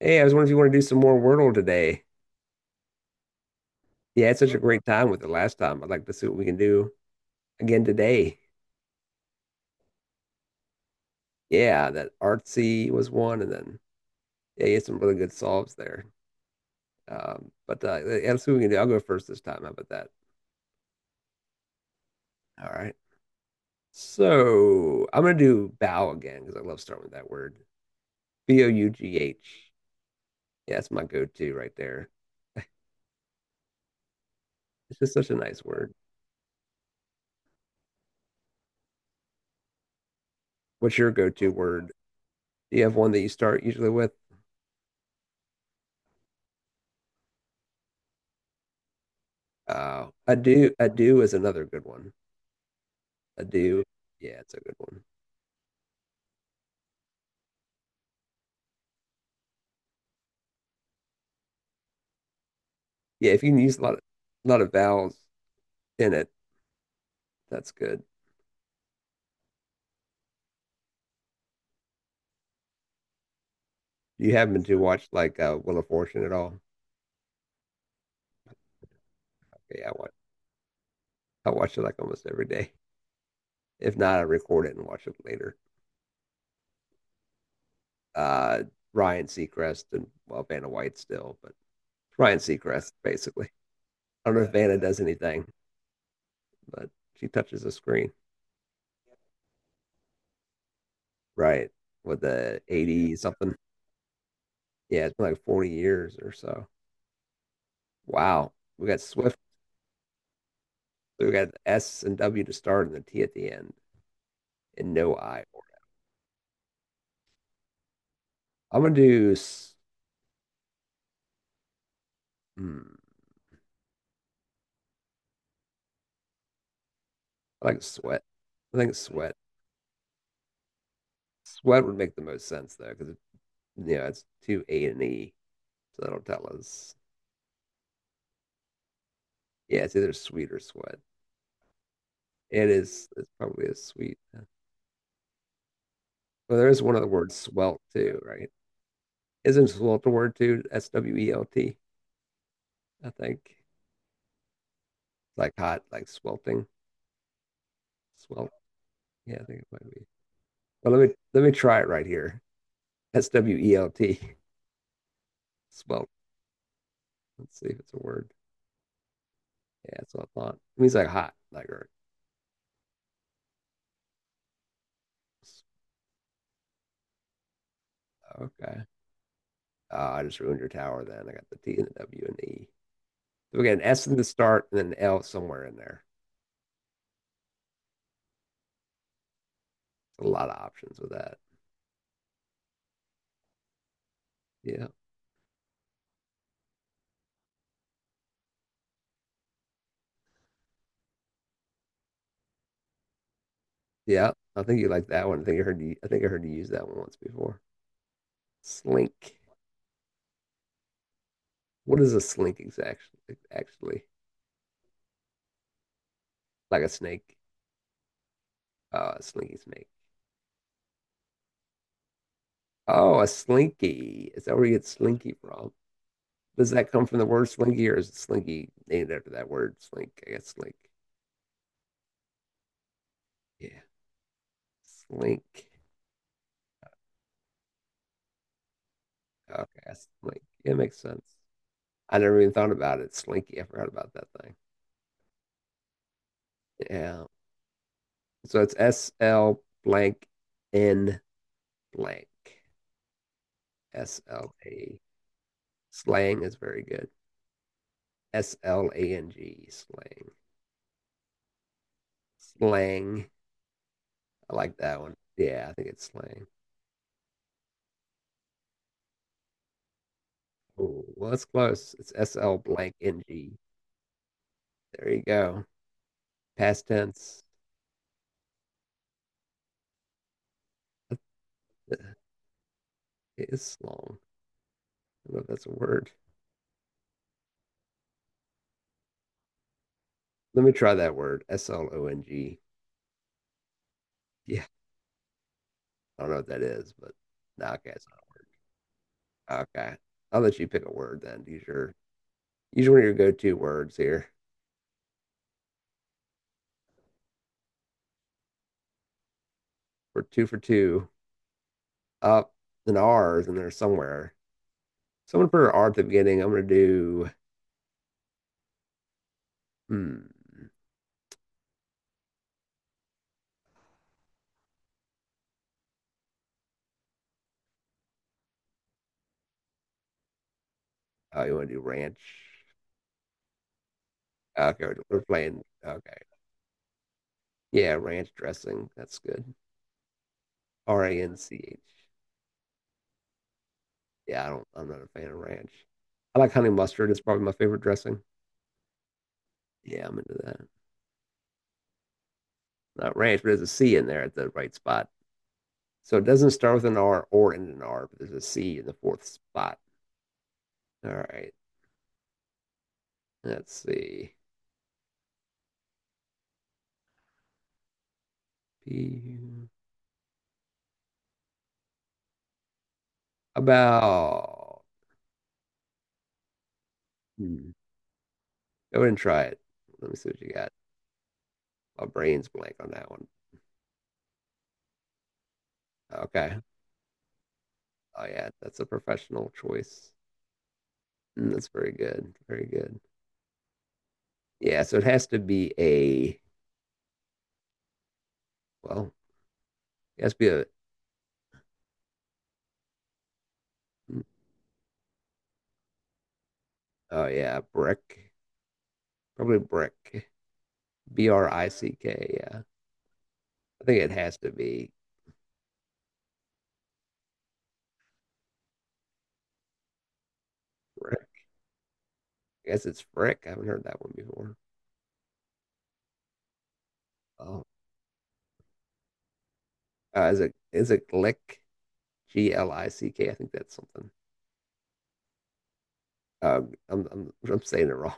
Hey, I was wondering if you want to do some more Wordle today. Yeah, I had such a great time with it last time. I'd like to see what we can do again today. Yeah, that artsy was one, and then yeah, you had some really good solves there. But yeah, let's see what we can do. I'll go first this time. How about that? All right. So I'm gonna do bow again because I love starting with that word. bough. Yeah, that's my go-to right there. It's just such a nice word. What's your go-to word? Do you have one that you start usually with? Ado is another good one. I do. Yeah, it's a good one. Yeah, if you can use a lot of vowels in it, that's good. Do you happen to watch, like, Wheel of Fortune at all? Okay, I watch it like almost every day. If not, I record it and watch it later. Uh, Ryan Seacrest and, well, Vanna White still, but Ryan Seacrest basically. I don't know if Vanna does anything, but she touches the screen, right? With the 80 something. Yeah, it's been like 40 years or so. Wow, we got Swift. So we got the S and W to start and the T at the end and no I. I'm gonna do. Hmm, I like sweat. I think sweat. Sweat would make the most sense though, because you know it's two A and E, so that'll tell us. Yeah, it's either sweet or sweat. It is. It's probably a sweet. Yeah. Well, there is one other word, swelt too, right? Isn't swelt a word too? swelt. I think it's like hot, like swelting. Swelt. Yeah, I think it might be. Well, let me try it right here. swelt. Swelt. Let's see if it's a word. Yeah, that's what I thought. It means like hot, like or okay. Oh, I just ruined your tower then. I got the T and the W and the E. So we got an S in the start and an L somewhere in there. There's a lot of options with that. Yeah. Yeah. I think you like that one. I think I heard you I think I heard you use that one once before. Slink. What is a slink exactly actually? Like a snake. A slinky snake. Oh, a slinky. Is that where you get slinky from? Does that come from the word slinky or is it slinky named after that word slink? I guess slink. Yeah. Slink. Okay, that's Slink. It makes sense. I never even thought about it. Slinky. I forgot about that thing. Yeah. So it's S L blank N blank. S L A. Slang is very good. slang. Slang. Slang. I like that one. Yeah, I think it's slang. Oh, well, it's close. It's S L blank N G. There you go. Past tense. It is slong. I don't know if that's a word. Let me try that word. slong. Yeah. I don't know what that is, but no, okay, it's not- okay. I'll let you pick a word then. Use one of your go-to words here. We're two for two. Up and R's in there somewhere. Someone put an R at the beginning. I'm gonna do. Hmm. Oh, you want to do ranch? Okay, we're playing. Okay, yeah, ranch dressing. That's good. ranch. Yeah, I don't. I'm not a fan of ranch. I like honey mustard. It's probably my favorite dressing. Yeah, I'm into that. Not ranch, but there's a C in there at the right spot. So it doesn't start with an R or end in an R, but there's a C in the fourth spot. All right. Let's see. P. About. Hmm, go ahead and try it. Let me see what you got. My brain's blank on that one. Okay. Oh yeah, that's a professional choice. That's very good. Very good. Yeah, so it has to be a, well, it has to be a, mm, oh yeah, brick. Probably brick. B R I C K, yeah. I think it has to be brick. I guess it's Frick. I haven't heard that one before. Oh, is it Glick? G L I C K. I think that's something. I'm saying it wrong.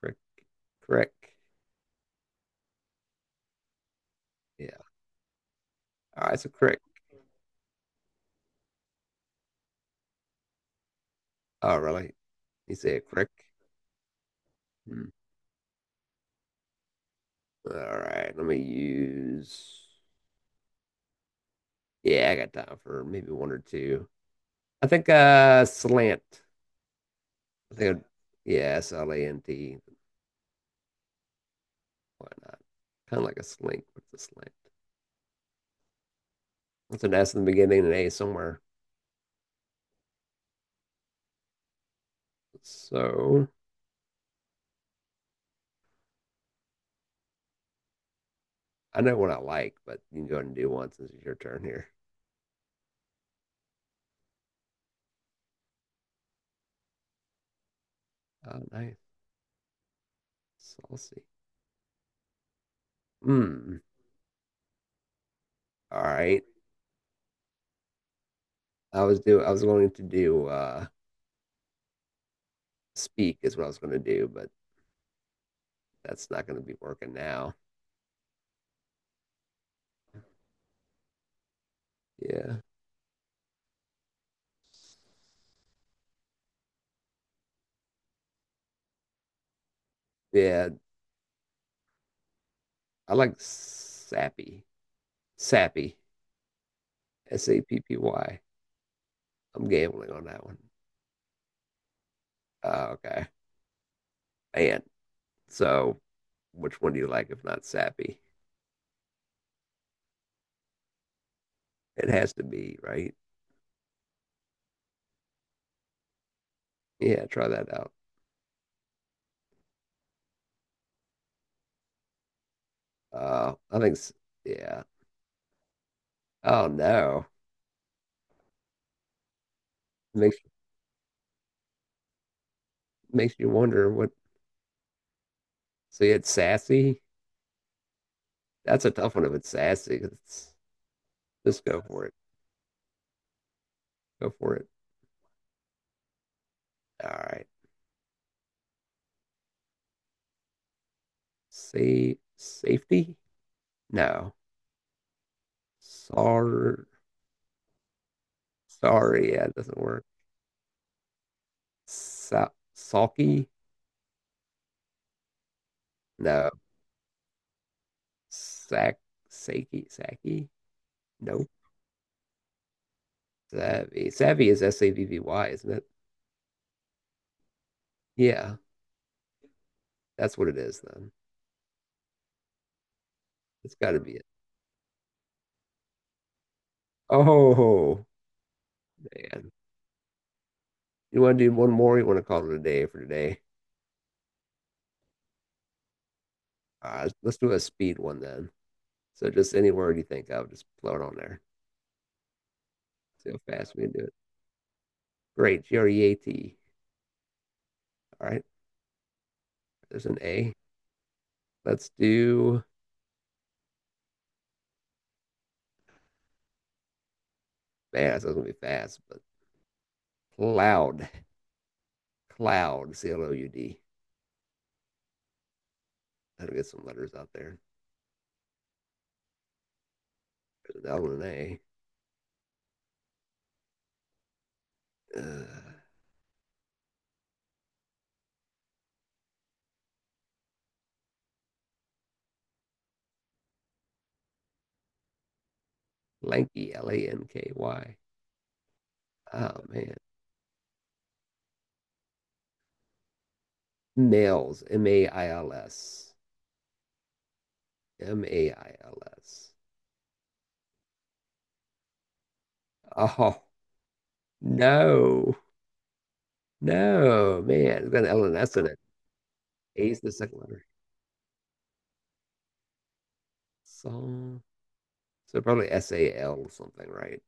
Crick, crick. Yeah. All right, so crick. Oh, really? You say a crick? Hmm. All right. Let me use. Yeah, I got time for maybe one or two. I think slant. I think I'd- yeah, slant. Why not? Kind of like a slink, with a slant? It's an S in the beginning and an A somewhere. So I know what I like, but you can go ahead and do one since it's your turn here. Oh, nice. Saucy. Mm. All right. I was going to do speak is what I was going to do, but that's not going to be working now. Yeah. Yeah. I like sappy. Sappy. S A P P Y. I'm gambling on that one. Okay. And so which one do you like if not sappy? It has to be, right? Yeah, try that out. I think, yeah. Oh no. Makes makes you wonder what. So you had sassy. That's a tough one if it's sassy. Just go for it. Go for it. All right. Say safety. No. Sorry. Sorry. Yeah, it doesn't work. Sa sulky. No. Sack. Saki. Saki. Nope. Savvy. Savvy is savvy, isn't it? Yeah, that's what it is then. It's got to be it. Oh man. You want to do one more? Or you want to call it a day for today? Let's do a speed one then. So just any word you think of, just throw it on there. See how fast we can do it. Great, G R E A T. All right, there's an A. Let's do fast. That's gonna be fast, but cloud, cloud, C L O U D. I'll get some letters out there. There's an L and an A. Uh, lanky, L A N K Y. Oh man, mails, M A I L S, mails. Oh no, no, man, it's got an L and S in it. A is the second letter. So, so, probably S A L or something, right?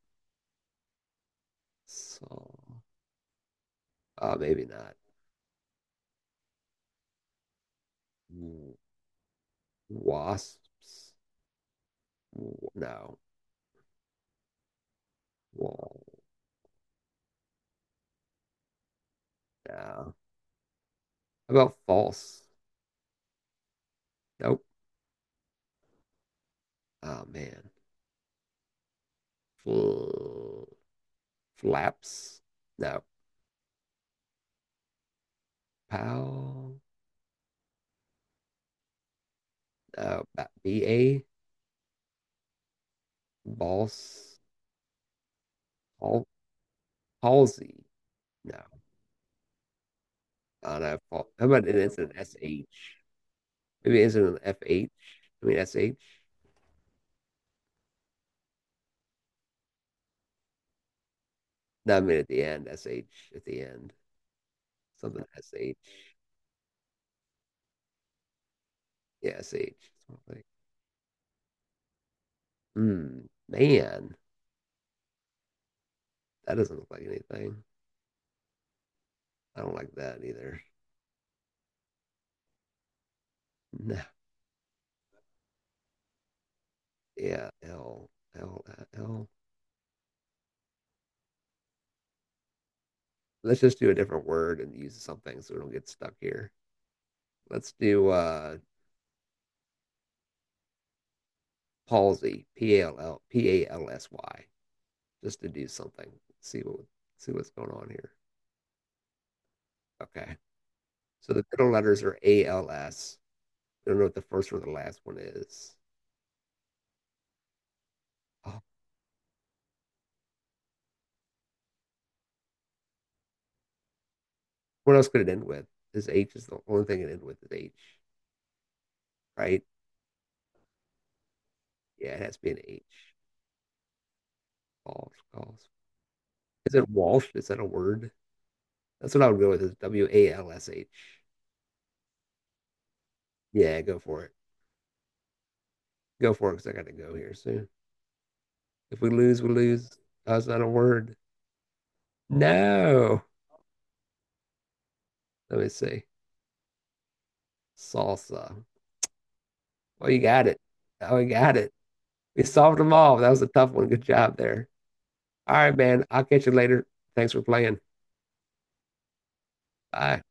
So, maybe not. Wasps? No. Wall? No. How about false? Nope. Oh man. Fl- flaps? No. Pal? No. B A? Balls? Pal- palsy? No. I don't know. How about an instant S H? Maybe an instant F H? I mean S H? No, I mean at the end, SH at the end. Something SH. Yeah, SH. So I'm like, hmm, man, that doesn't look like anything. I don't like that either. No. Yeah, L, L, L. Let's just do a different word and use something so we don't get stuck here. Let's do palsy, P A L L P A L S Y, just to do something. See what see what's going on here. Okay. So the middle letters are A L S. I don't know what the first or the last one is. Oh, what else could it end with? This H is the only thing it ends with is H, right? Yeah, it has to be an H. Walsh, Walsh. Is it Walsh? Is that a word? That's what I would go with is Walsh. Yeah, go for it. Go for it because I got to go here soon. If we lose, we lose. That's not a word. No. Let me see. Salsa. Oh, you got it. Oh, you got it. We solved them all. That was a tough one. Good job there. All right, man. I'll catch you later. Thanks for playing. Bye.